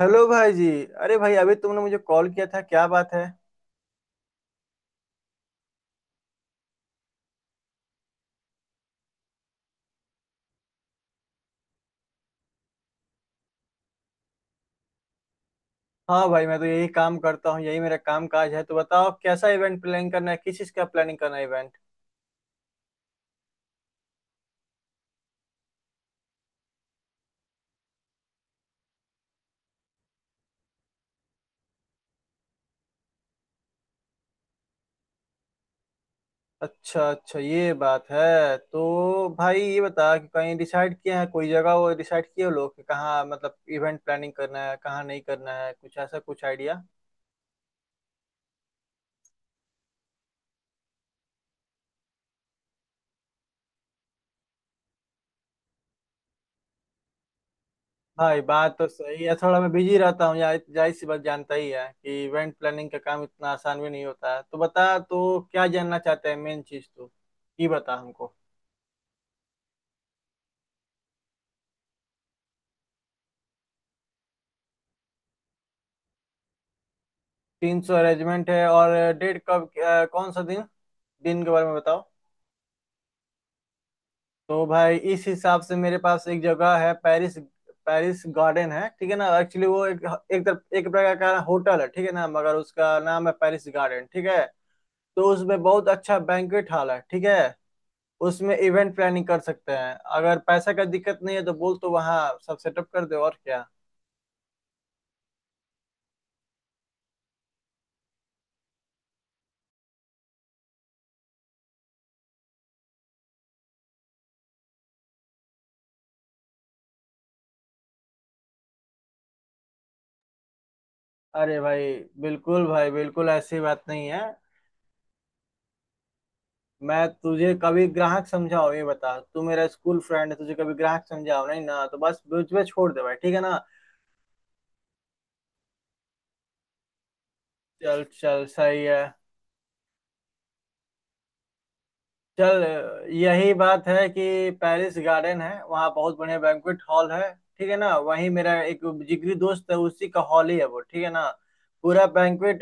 Hello भाई जी। अरे भाई, अभी तुमने मुझे कॉल किया था, क्या बात है? हाँ भाई, मैं तो यही काम करता हूँ, यही मेरा काम काज है। तो बताओ कैसा इवेंट प्लान करना है, किस चीज़ का प्लानिंग करना है इवेंट? अच्छा अच्छा, ये बात है। तो भाई ये बता कि कहीं डिसाइड किया है, कोई जगह वो डिसाइड किए हो लोग कि कहाँ मतलब इवेंट प्लानिंग करना है कहाँ नहीं करना है, कुछ ऐसा कुछ आइडिया। भाई बात तो सही है, थोड़ा मैं बिजी रहता हूँ, जाहिर जाहिर सी बात, जानता ही है कि इवेंट प्लानिंग का काम इतना आसान भी नहीं होता है। तो बता तो क्या जानना चाहते हैं, मेन चीज तो ये बता हमको। 300 अरेंजमेंट है, और डेट कब कौन सा दिन, दिन के बारे में बताओ। तो भाई इस हिसाब से मेरे पास एक जगह है, पेरिस पेरिस गार्डन है, ठीक है ना। एक्चुअली वो एक, एक तरफ एक प्रकार का होटल है, ठीक है ना, मगर उसका नाम है पेरिस गार्डन, ठीक है। तो उसमें बहुत अच्छा बैंक्वेट हॉल है, ठीक है। उसमें इवेंट प्लानिंग कर सकते हैं, अगर पैसा का दिक्कत नहीं है तो बोल, तो वहाँ सब सेटअप कर दे, और क्या। अरे भाई, बिल्कुल भाई, बिल्कुल ऐसी बात नहीं है। मैं तुझे कभी ग्राहक समझा हो ये बता, तू मेरा स्कूल फ्रेंड है, तुझे कभी ग्राहक समझा हो? नहीं ना, तो बस बीच में छोड़ दे भाई, ठीक है ना। चल चल सही है, चल। यही बात है कि पेरिस गार्डन है, वहाँ बहुत बढ़िया बैंक्वेट हॉल है, ठीक है ना। वहीं मेरा एक जिगरी दोस्त है, उसी का हॉल ही है वो, ठीक है ना। पूरा बैंक्वेट,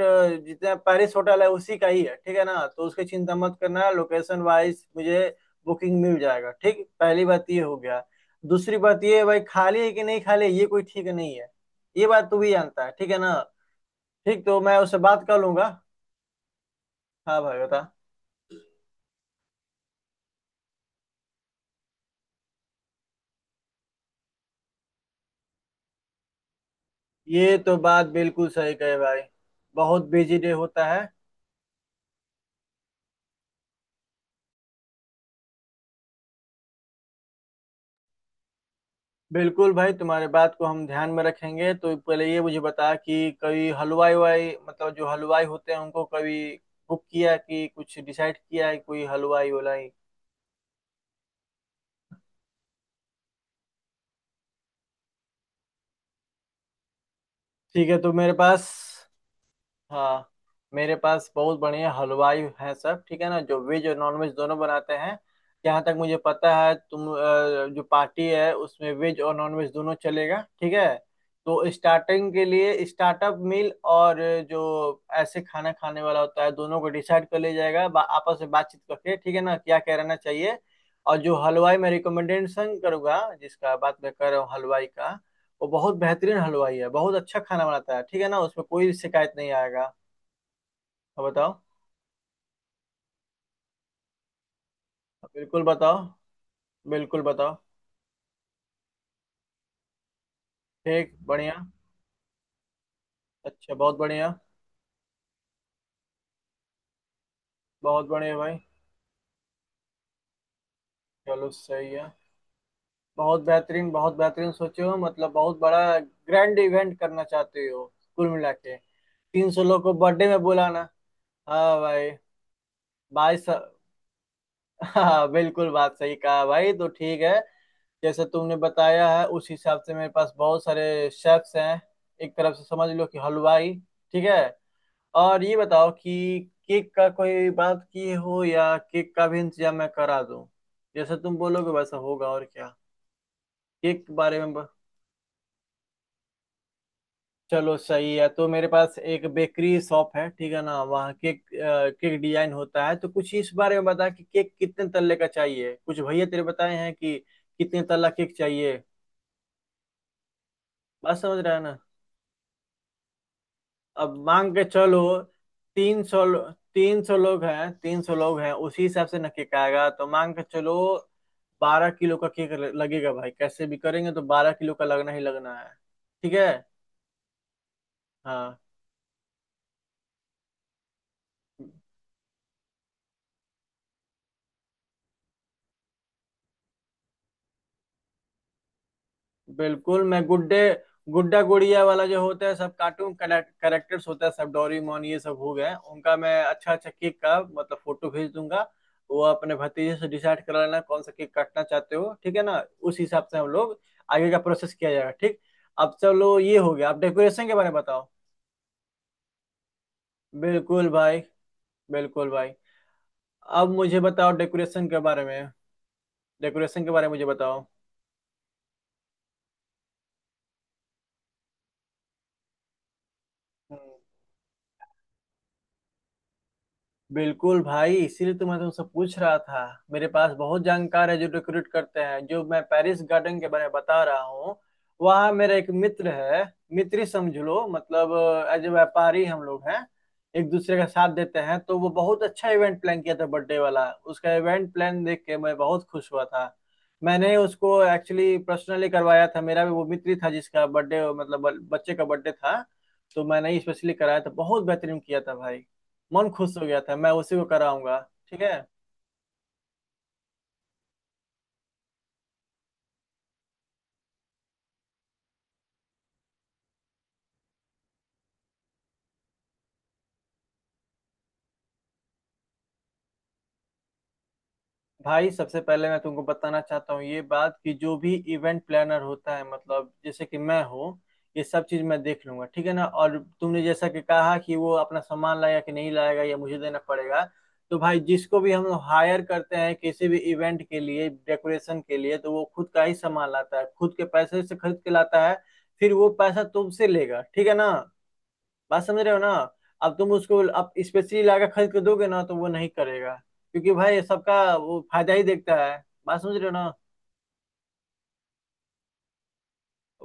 जितना पेरिस होटल है, उसी का ही है, ठीक है ना। तो उसकी चिंता मत करना, लोकेशन वाइज मुझे बुकिंग मिल जाएगा, ठीक, पहली बात ये हो गया। दूसरी बात ये, भाई खाली है कि नहीं खाली है, ये कोई ठीक नहीं है, ये बात तू भी जानता है, ठीक है ना। ठीक, तो मैं उससे बात कर लूंगा। हाँ भाई बता। ये तो बात बिल्कुल सही कहे भाई, बहुत बिजी डे होता है। बिल्कुल भाई, तुम्हारे बात को हम ध्यान में रखेंगे। तो पहले ये मुझे बता कि कभी हलवाई वाई, मतलब जो हलवाई होते हैं, उनको कभी बुक किया कि कुछ डिसाइड किया है कोई हलवाई वलाई? ठीक है, तो मेरे पास, हाँ, मेरे पास बहुत बढ़िया हलवाई हैं सब, ठीक है ना, जो वेज और नॉन वेज दोनों बनाते हैं। जहाँ तक मुझे पता है तुम जो पार्टी है उसमें वेज और नॉन वेज दोनों चलेगा, ठीक है। तो स्टार्टिंग के लिए स्टार्टअप मील, और जो ऐसे खाना खाने वाला होता है, दोनों को डिसाइड कर लिया जाएगा आपस में बातचीत करके, ठीक है ना, क्या क्या रहना चाहिए। और जो हलवाई मैं रिकमेंडेशन करूंगा, जिसका बात मैं कर रहा हूँ हलवाई का, वो बहुत बेहतरीन हलवाई है, बहुत अच्छा खाना बनाता है, ठीक है ना, उसमें कोई शिकायत नहीं आएगा। हाँ बताओ। बिल्कुल बताओ, बिल्कुल बताओ। ठीक, बढ़िया। अच्छा, बहुत बढ़िया। बहुत बढ़िया भाई। चलो सही है। बहुत बेहतरीन, बहुत बेहतरीन सोचे हो, मतलब बहुत बड़ा ग्रैंड इवेंट करना चाहते हो, कुल मिला के 300 लोग को बर्थडे में बुलाना। हाँ भाई, भाई सब, हाँ, बिल्कुल बात सही कहा भाई। तो ठीक है, जैसे तुमने बताया है उस हिसाब से मेरे पास बहुत सारे शेफ्स हैं, एक तरफ से समझ लो कि हलवाई, ठीक है। और ये बताओ कि केक का कोई बात किए हो, या केक का भी इंतजाम मैं करा दूं, जैसा तुम बोलोगे वैसा होगा, और क्या। केक के बारे में चलो सही है, तो मेरे पास एक बेकरी शॉप है, ठीक है ना, वहाँ केक केक डिजाइन होता है। तो कुछ इस बारे में बता कि केक कितने तल्ले का चाहिए, कुछ भैया तेरे बताए हैं कि कितने तल्ला केक चाहिए, बात समझ रहा है ना। अब मांग के चलो, तीन सौ तीन सौ लोग हैं, 300 लोग हैं, उसी हिसाब से ना केक आएगा, तो मांग के चलो। बारह किलो का केक लगेगा भाई, कैसे भी करेंगे तो 12 किलो का लगना ही लगना है, ठीक है। हाँ, बिल्कुल, मैं गुड्डे गुड्डा गुड़िया वाला जो होता है सब, कार्टून कैरेक्टर्स होता है सब, डोरेमोन ये सब हो गए, उनका मैं अच्छा अच्छा केक का मतलब फोटो भेज दूंगा। वो अपने भतीजे से डिसाइड कर लेना कौन सा केक काटना चाहते हो, ठीक है ना, उस हिसाब से हम लोग आगे का प्रोसेस किया जाएगा, ठीक। अब चलो ये हो गया, अब डेकोरेशन के बारे में बताओ। बिल्कुल भाई, बिल्कुल भाई, अब मुझे बताओ डेकोरेशन के बारे में, डेकोरेशन के बारे में मुझे बताओ। बिल्कुल भाई, इसीलिए तो मैं तुमसे पूछ रहा था, मेरे पास बहुत जानकार है जो रिक्रूट करते हैं, जो मैं पेरिस गार्डन के बारे में बता रहा हूँ, वहाँ मेरा एक मित्र है, मित्र ही समझ लो मतलब, एज ए व्यापारी हम लोग हैं, एक दूसरे का साथ देते हैं। तो वो बहुत अच्छा इवेंट प्लान किया था, बर्थडे वाला, उसका इवेंट प्लान देख के मैं बहुत खुश हुआ था। मैंने उसको एक्चुअली पर्सनली करवाया था, मेरा भी वो मित्र ही था, जिसका बर्थडे मतलब बच्चे का बर्थडे था, तो मैंने ही स्पेशली कराया था, बहुत बेहतरीन किया था भाई, मन खुश हो गया था, मैं उसी को कराऊंगा, ठीक है। भाई सबसे पहले मैं तुमको बताना चाहता हूँ ये बात कि जो भी इवेंट प्लानर होता है, मतलब जैसे कि मैं हूँ, ये सब चीज मैं देख लूंगा, ठीक है ना। और तुमने जैसा कि कहा कि वो अपना सामान लाएगा कि नहीं लाएगा या मुझे देना पड़ेगा, तो भाई जिसको भी हम हायर करते हैं किसी भी इवेंट के लिए डेकोरेशन के लिए, तो वो खुद का ही सामान लाता है, खुद के पैसे से खरीद के लाता है, फिर वो पैसा तुमसे लेगा, ठीक है ना, बात समझ रहे हो ना। अब तुम उसको अब स्पेशली लाकर खरीद के दोगे ना, तो वो नहीं करेगा, क्योंकि भाई सबका वो फायदा ही देखता है, बात समझ रहे हो ना।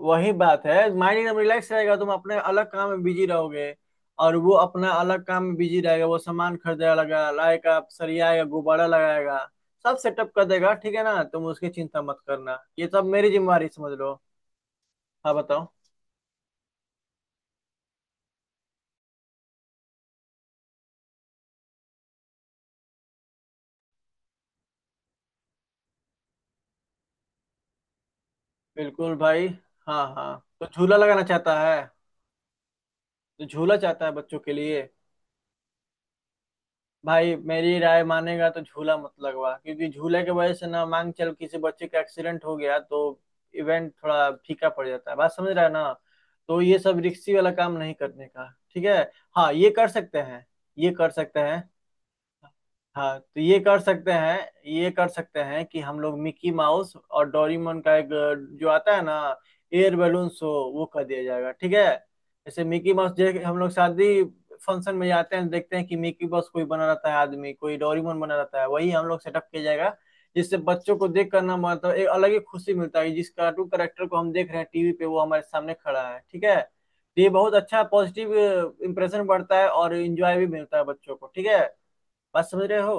वही बात है, माइंड एकदम रिलैक्स रहेगा, तुम अपने अलग काम में बिजी रहोगे, और वो अपना अलग काम में बिजी रहेगा, वो सामान खरीदेगा, लगा लाएगा, सरियाएगा, गुब्बारा लगाएगा, सब सेटअप कर देगा, ठीक है ना, तुम उसकी चिंता मत करना, ये सब मेरी जिम्मेवारी समझ लो। हाँ बताओ। बिल्कुल भाई। हाँ हाँ, तो झूला लगाना चाहता है, तो झूला चाहता है बच्चों के लिए। भाई मेरी राय मानेगा तो झूला मत लगवा, क्योंकि झूले के वजह से ना, मांग चल किसी बच्चे का एक्सीडेंट हो गया तो इवेंट थोड़ा फीका पड़ जाता है, बात समझ रहा है ना, तो ये सब रिक्सी वाला काम नहीं करने का, ठीक है। हाँ, ये कर सकते हैं, ये कर सकते हैं। हाँ तो ये कर सकते हैं, ये कर सकते हैं कि हम लोग मिकी माउस और डोरीमोन का एक जो आता है ना, एयर बैलून शो, वो कर दिया जाएगा, ठीक है। जैसे मिकी माउस, जैसे हम लोग शादी फंक्शन में जाते हैं, देखते हैं कि मिकी माउस कोई बना रहता है आदमी, कोई डोरीमोन बना रहता है, वही हम लोग सेटअप किया जाएगा, जिससे बच्चों को देख करना मतलब एक अलग ही खुशी मिलता है, जिस कार्टून करेक्टर को हम देख रहे हैं टीवी पे वो हमारे सामने खड़ा है, ठीक है। तो ये बहुत अच्छा पॉजिटिव इंप्रेशन बढ़ता है और इंजॉय भी मिलता है बच्चों को, ठीक है, बात समझ रहे हो।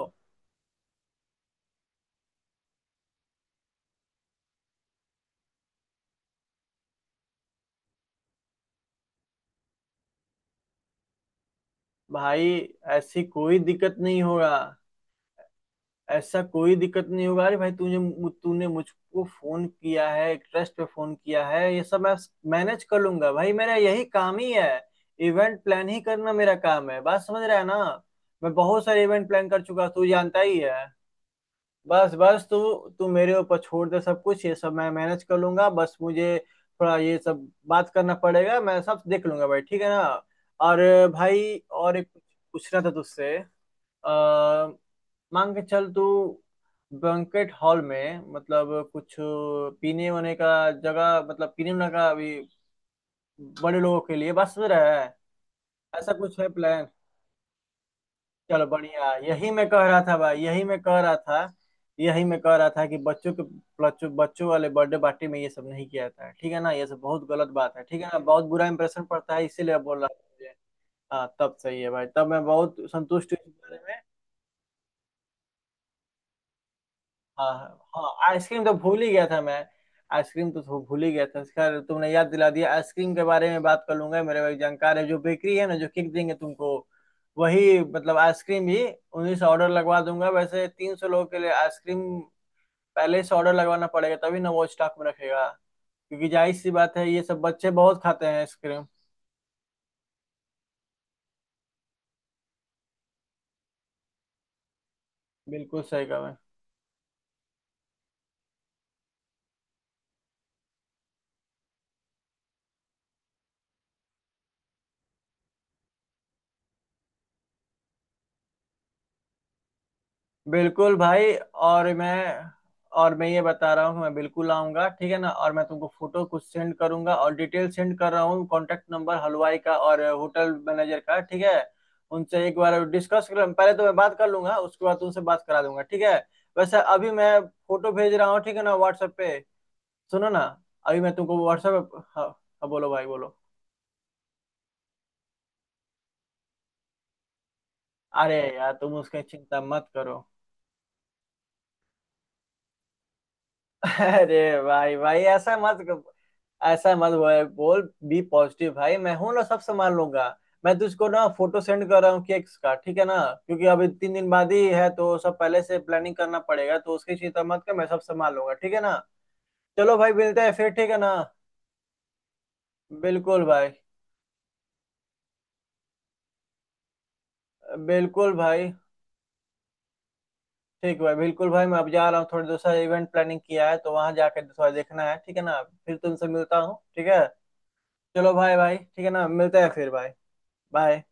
भाई ऐसी कोई दिक्कत नहीं होगा, ऐसा कोई दिक्कत नहीं होगा। अरे भाई, तुझे तूने मुझको फोन किया है, एक ट्रस्ट पे फोन किया है, ये सब मैं मैनेज कर लूंगा भाई, मेरा यही काम ही है, इवेंट प्लान ही करना मेरा काम है, बात समझ रहा है ना। मैं बहुत सारे इवेंट प्लान कर चुका हूं, तू जानता ही है। बस बस तू, तू मेरे ऊपर छोड़ दे सब कुछ, ये सब मैं मैनेज कर लूंगा, बस मुझे थोड़ा ये सब बात करना पड़ेगा, मैं सब देख लूंगा भाई, ठीक है ना। और भाई और एक पूछना था तुझसे, अ, मांग के चल तू, बैंकेट हॉल में मतलब कुछ पीने होने का जगह, मतलब पीने होने का भी बड़े लोगों के लिए बस में रहा है, ऐसा कुछ है प्लान? चलो बढ़िया, यही मैं कह रहा था भाई, यही मैं कह रहा था, यही मैं कह रहा था कि बच्चों बच्चों वाले बर्थडे पार्टी में ये सब नहीं किया जाता है, ठीक है ना, ये सब बहुत गलत बात है, ठीक है ना, बहुत बुरा इंप्रेशन पड़ता है, इसीलिए बोल रहा हूँ मुझे। हाँ तब सही है भाई, तब मैं बहुत संतुष्ट हूँ इस बारे में। हाँ हाँ। हाँ, आइसक्रीम तो भूल ही गया था मैं, आइसक्रीम तो भूल ही गया था, खैर तुमने याद दिला दिया। आइसक्रीम के बारे में बात कर लूंगा, मेरे भाई जानकार है, जो बेकरी है ना, जो केक देंगे तुमको, वही मतलब आइसक्रीम भी उन्हीं से ऑर्डर लगवा दूंगा। वैसे 300 लोगों के लिए आइसक्रीम पहले से ऑर्डर लगवाना पड़ेगा, तभी ना वो स्टॉक में रखेगा, क्योंकि जाहिर सी बात है, ये सब बच्चे बहुत खाते हैं आइसक्रीम। बिल्कुल सही कहा। बिल्कुल भाई, और मैं, और मैं ये बता रहा हूँ, मैं बिल्कुल आऊंगा, ठीक है ना, और मैं तुमको फोटो कुछ सेंड करूंगा, और डिटेल सेंड कर रहा हूँ, कॉन्टेक्ट नंबर हलवाई का और होटल मैनेजर का, ठीक है। उनसे एक बार डिस्कस कर, पहले तो मैं बात कर लूंगा, उसके बाद तुमसे बात करा दूंगा, ठीक है। वैसे अभी मैं फोटो भेज रहा हूँ ठीक है ना, व्हाट्सएप पे। सुनो ना, अभी मैं तुमको व्हाट्सएप हाँ हाँ, बोलो भाई बोलो। अरे यार तुम उसकी चिंता मत करो। अरे भाई भाई ऐसा मत करो, ऐसा मत बोल बोल। बी पॉजिटिव भाई, मैं हूं ना, सब संभाल लूंगा। मैं तुझको ना फोटो सेंड कर रहा हूँ केक्स का, ठीक है ना, क्योंकि अभी 3 दिन बाद ही है, तो सब पहले से प्लानिंग करना पड़ेगा, तो उसकी चिंता मत कर, मैं सब संभाल लूंगा, ठीक है ना। चलो भाई, मिलते हैं फिर, ठीक है ना। बिल्कुल भाई, बिल्कुल भाई। ठीक भाई, बिल्कुल भाई, मैं अब जा रहा हूँ, थोड़ी दूसरा इवेंट प्लानिंग किया है, तो वहां जाकर थोड़ा देखना है, ठीक है ना, फिर तुमसे मिलता हूँ, ठीक है। चलो भाई भाई, ठीक है ना, मिलते हैं फिर भाई। बाय।